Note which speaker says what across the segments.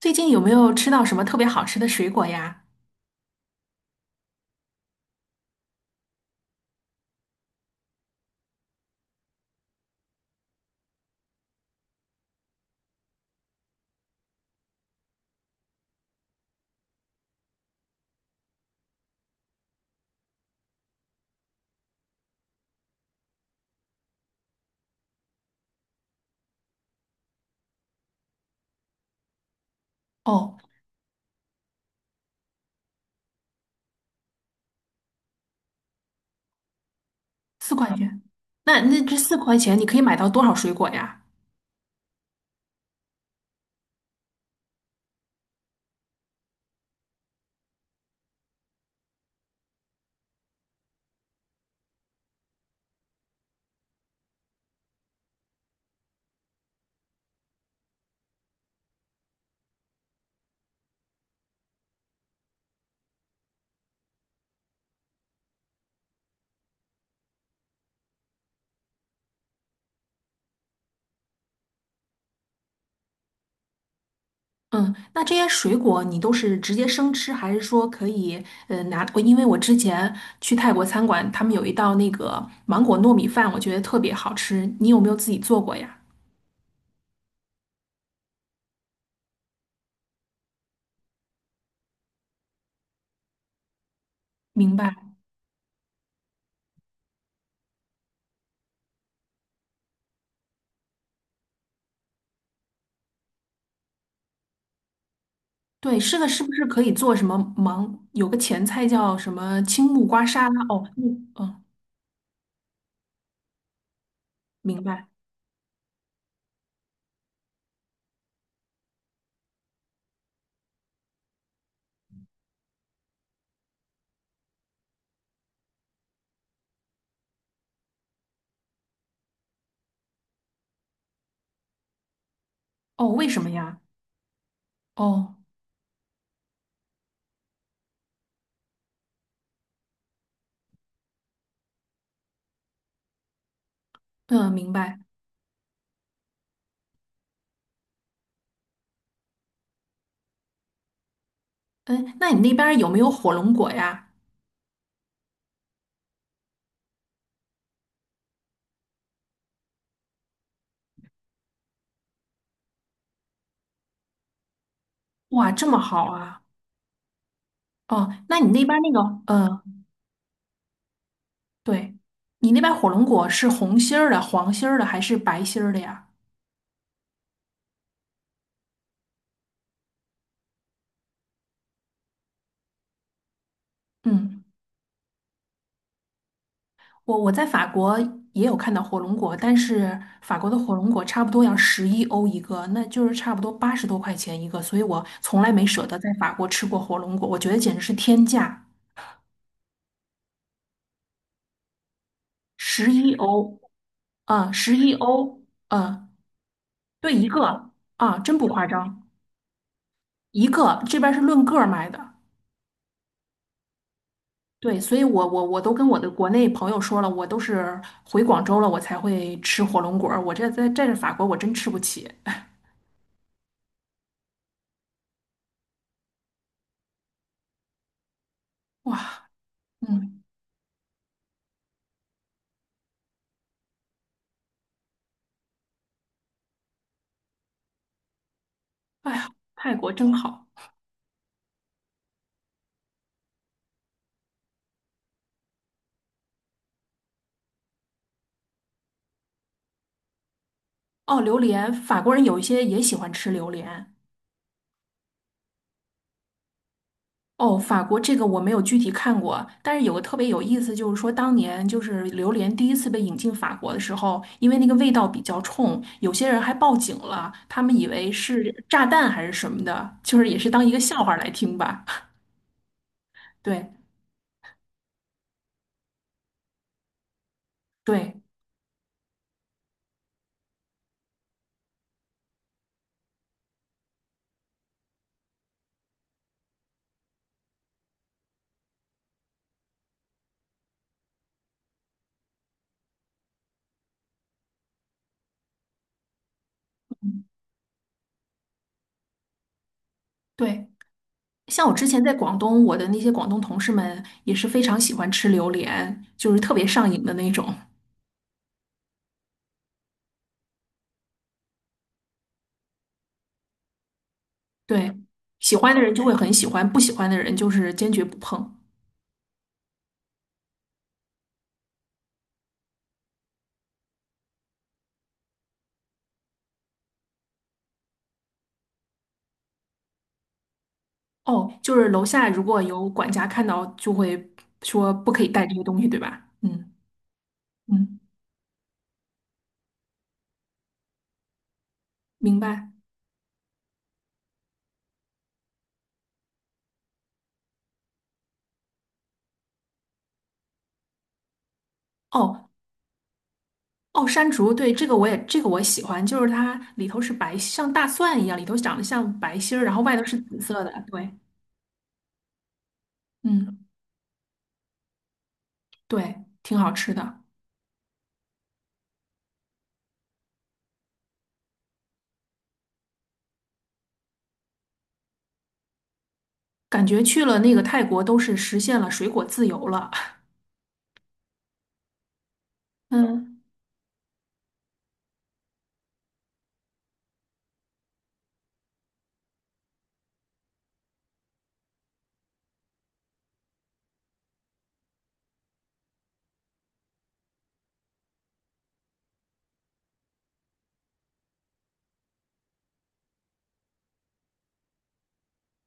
Speaker 1: 最近有没有吃到什么特别好吃的水果呀？哦，四块钱。那这四块钱你可以买到多少水果呀？嗯，那这些水果你都是直接生吃，还是说可以拿？我因为我之前去泰国餐馆，他们有一道那个芒果糯米饭，我觉得特别好吃。你有没有自己做过呀？明白。对，是的，是不是可以做什么芒？有个前菜叫什么青木瓜沙拉？哦，嗯嗯，明白。哦，为什么呀？哦，嗯，明白。嗯，那你那边儿有没有火龙果呀？哇，这么好啊！哦，那你那边儿那个，嗯，对，你那边儿火龙果是红心儿的、黄心儿的还是白心儿的呀？嗯，我在法国也有看到火龙果，但是法国的火龙果差不多要十一欧一个，那就是差不多80多块钱一个，所以我从来没舍得在法国吃过火龙果，我觉得简直是天价，十一欧，啊，十一欧，啊，对一个，啊，真不夸张。一个，这边是论个儿卖的。对，所以我都跟我的国内朋友说了，我都是回广州了，我才会吃火龙果儿。我这在这法国，我真吃不起。哇，嗯，哎呀，泰国真好。哦，榴莲，法国人有一些也喜欢吃榴莲。哦，法国这个我没有具体看过，但是有个特别有意思，就是说当年就是榴莲第一次被引进法国的时候，因为那个味道比较冲，有些人还报警了，他们以为是炸弹还是什么的，就是也是当一个笑话来听吧。对对对，像我之前在广东，我的那些广东同事们也是非常喜欢吃榴莲，就是特别上瘾的那种。对，喜欢的人就会很喜欢，不喜欢的人就是坚决不碰。哦，就是楼下如果有管家看到，就会说不可以带这些东西，对吧？嗯嗯，明白。哦哦，山竹，对，这个我也这个我喜欢，就是它里头是白，像大蒜一样，里头长得像白心儿，然后外头是紫色的。对，嗯，对，挺好吃的，感觉去了那个泰国都是实现了水果自由了。嗯，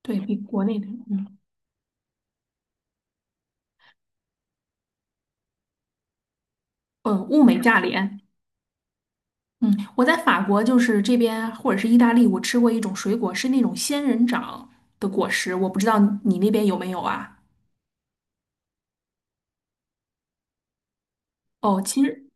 Speaker 1: 对，比国内的，嗯嗯，物美价廉。嗯，我在法国就是这边或者是意大利，我吃过一种水果是那种仙人掌的果实，我不知道你那边有没有啊？哦，其实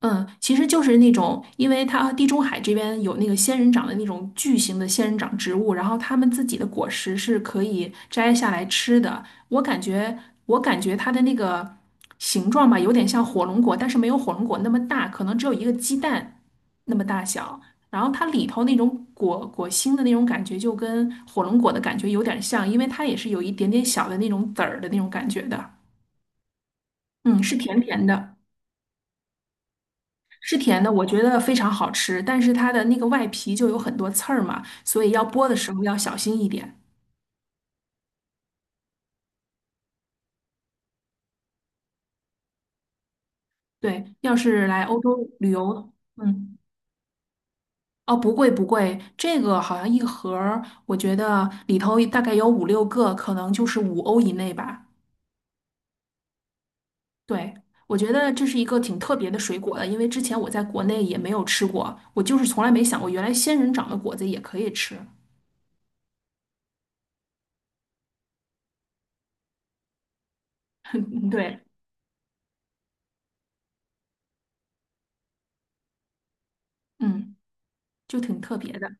Speaker 1: 嗯，其实就是那种，因为它地中海这边有那个仙人掌的那种巨型的仙人掌植物，然后它们自己的果实是可以摘下来吃的。我感觉，我感觉它的那个形状吧，有点像火龙果，但是没有火龙果那么大，可能只有一个鸡蛋那么大小。然后它里头那种果果心的那种感觉，就跟火龙果的感觉有点像，因为它也是有一点点小的那种籽儿的那种感觉的。嗯，是甜甜的。是甜的，我觉得非常好吃，但是它的那个外皮就有很多刺儿嘛，所以要剥的时候要小心一点。对，要是来欧洲旅游，嗯，哦，不贵不贵，这个好像一盒儿，我觉得里头大概有五六个，可能就是五欧以内吧。对，我觉得这是一个挺特别的水果的，因为之前我在国内也没有吃过，我就是从来没想过原来仙人掌的果子也可以吃。嗯，对，嗯，就挺特别的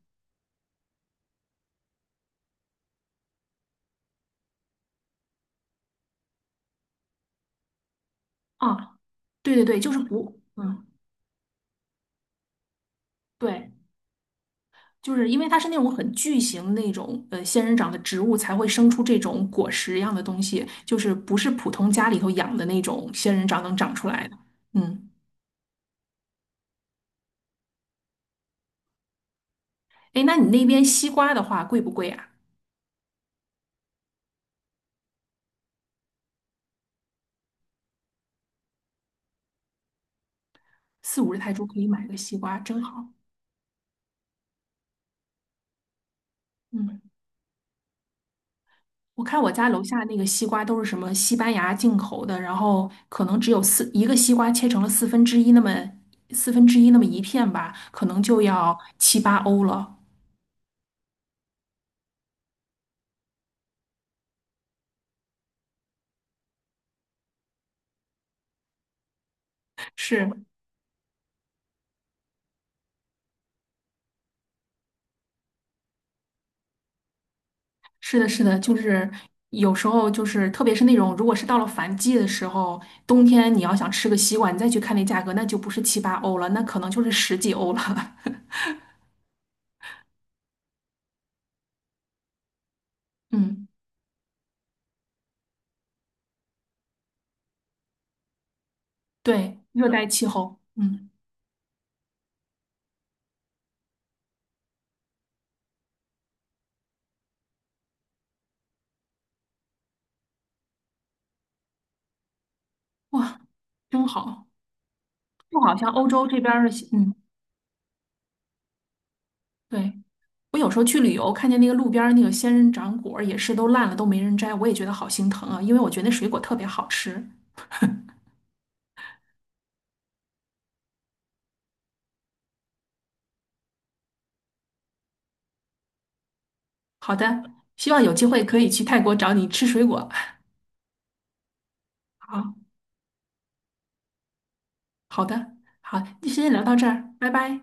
Speaker 1: 啊。对对对，就是不，嗯，对。就是因为它是那种很巨型那种仙人掌的植物才会生出这种果实一样的东西，就是不是普通家里头养的那种仙人掌能长出来的。嗯，哎，那你那边西瓜的话贵不贵啊？四五十泰铢可以买个西瓜，真好。嗯，我看我家楼下那个西瓜都是什么西班牙进口的，然后可能只有四一个西瓜切成了四分之一那么四分之一那么一片吧，可能就要七八欧了。是，是的，是的，就是有时候就是，特别是那种如果是到了反季的时候，冬天你要想吃个西瓜，你再去看那价格，那就不是七八欧了，那可能就是十几欧了。嗯，对，热带气候，嗯，哇，真好，就好像欧洲这边儿的西嗯，对，我有时候去旅游，看见那个路边儿那个仙人掌果儿也是都烂了，都没人摘，我也觉得好心疼啊，因为我觉得那水果特别好吃。好的，希望有机会可以去泰国找你吃水果。好。好的，好，那先聊到这儿，拜拜。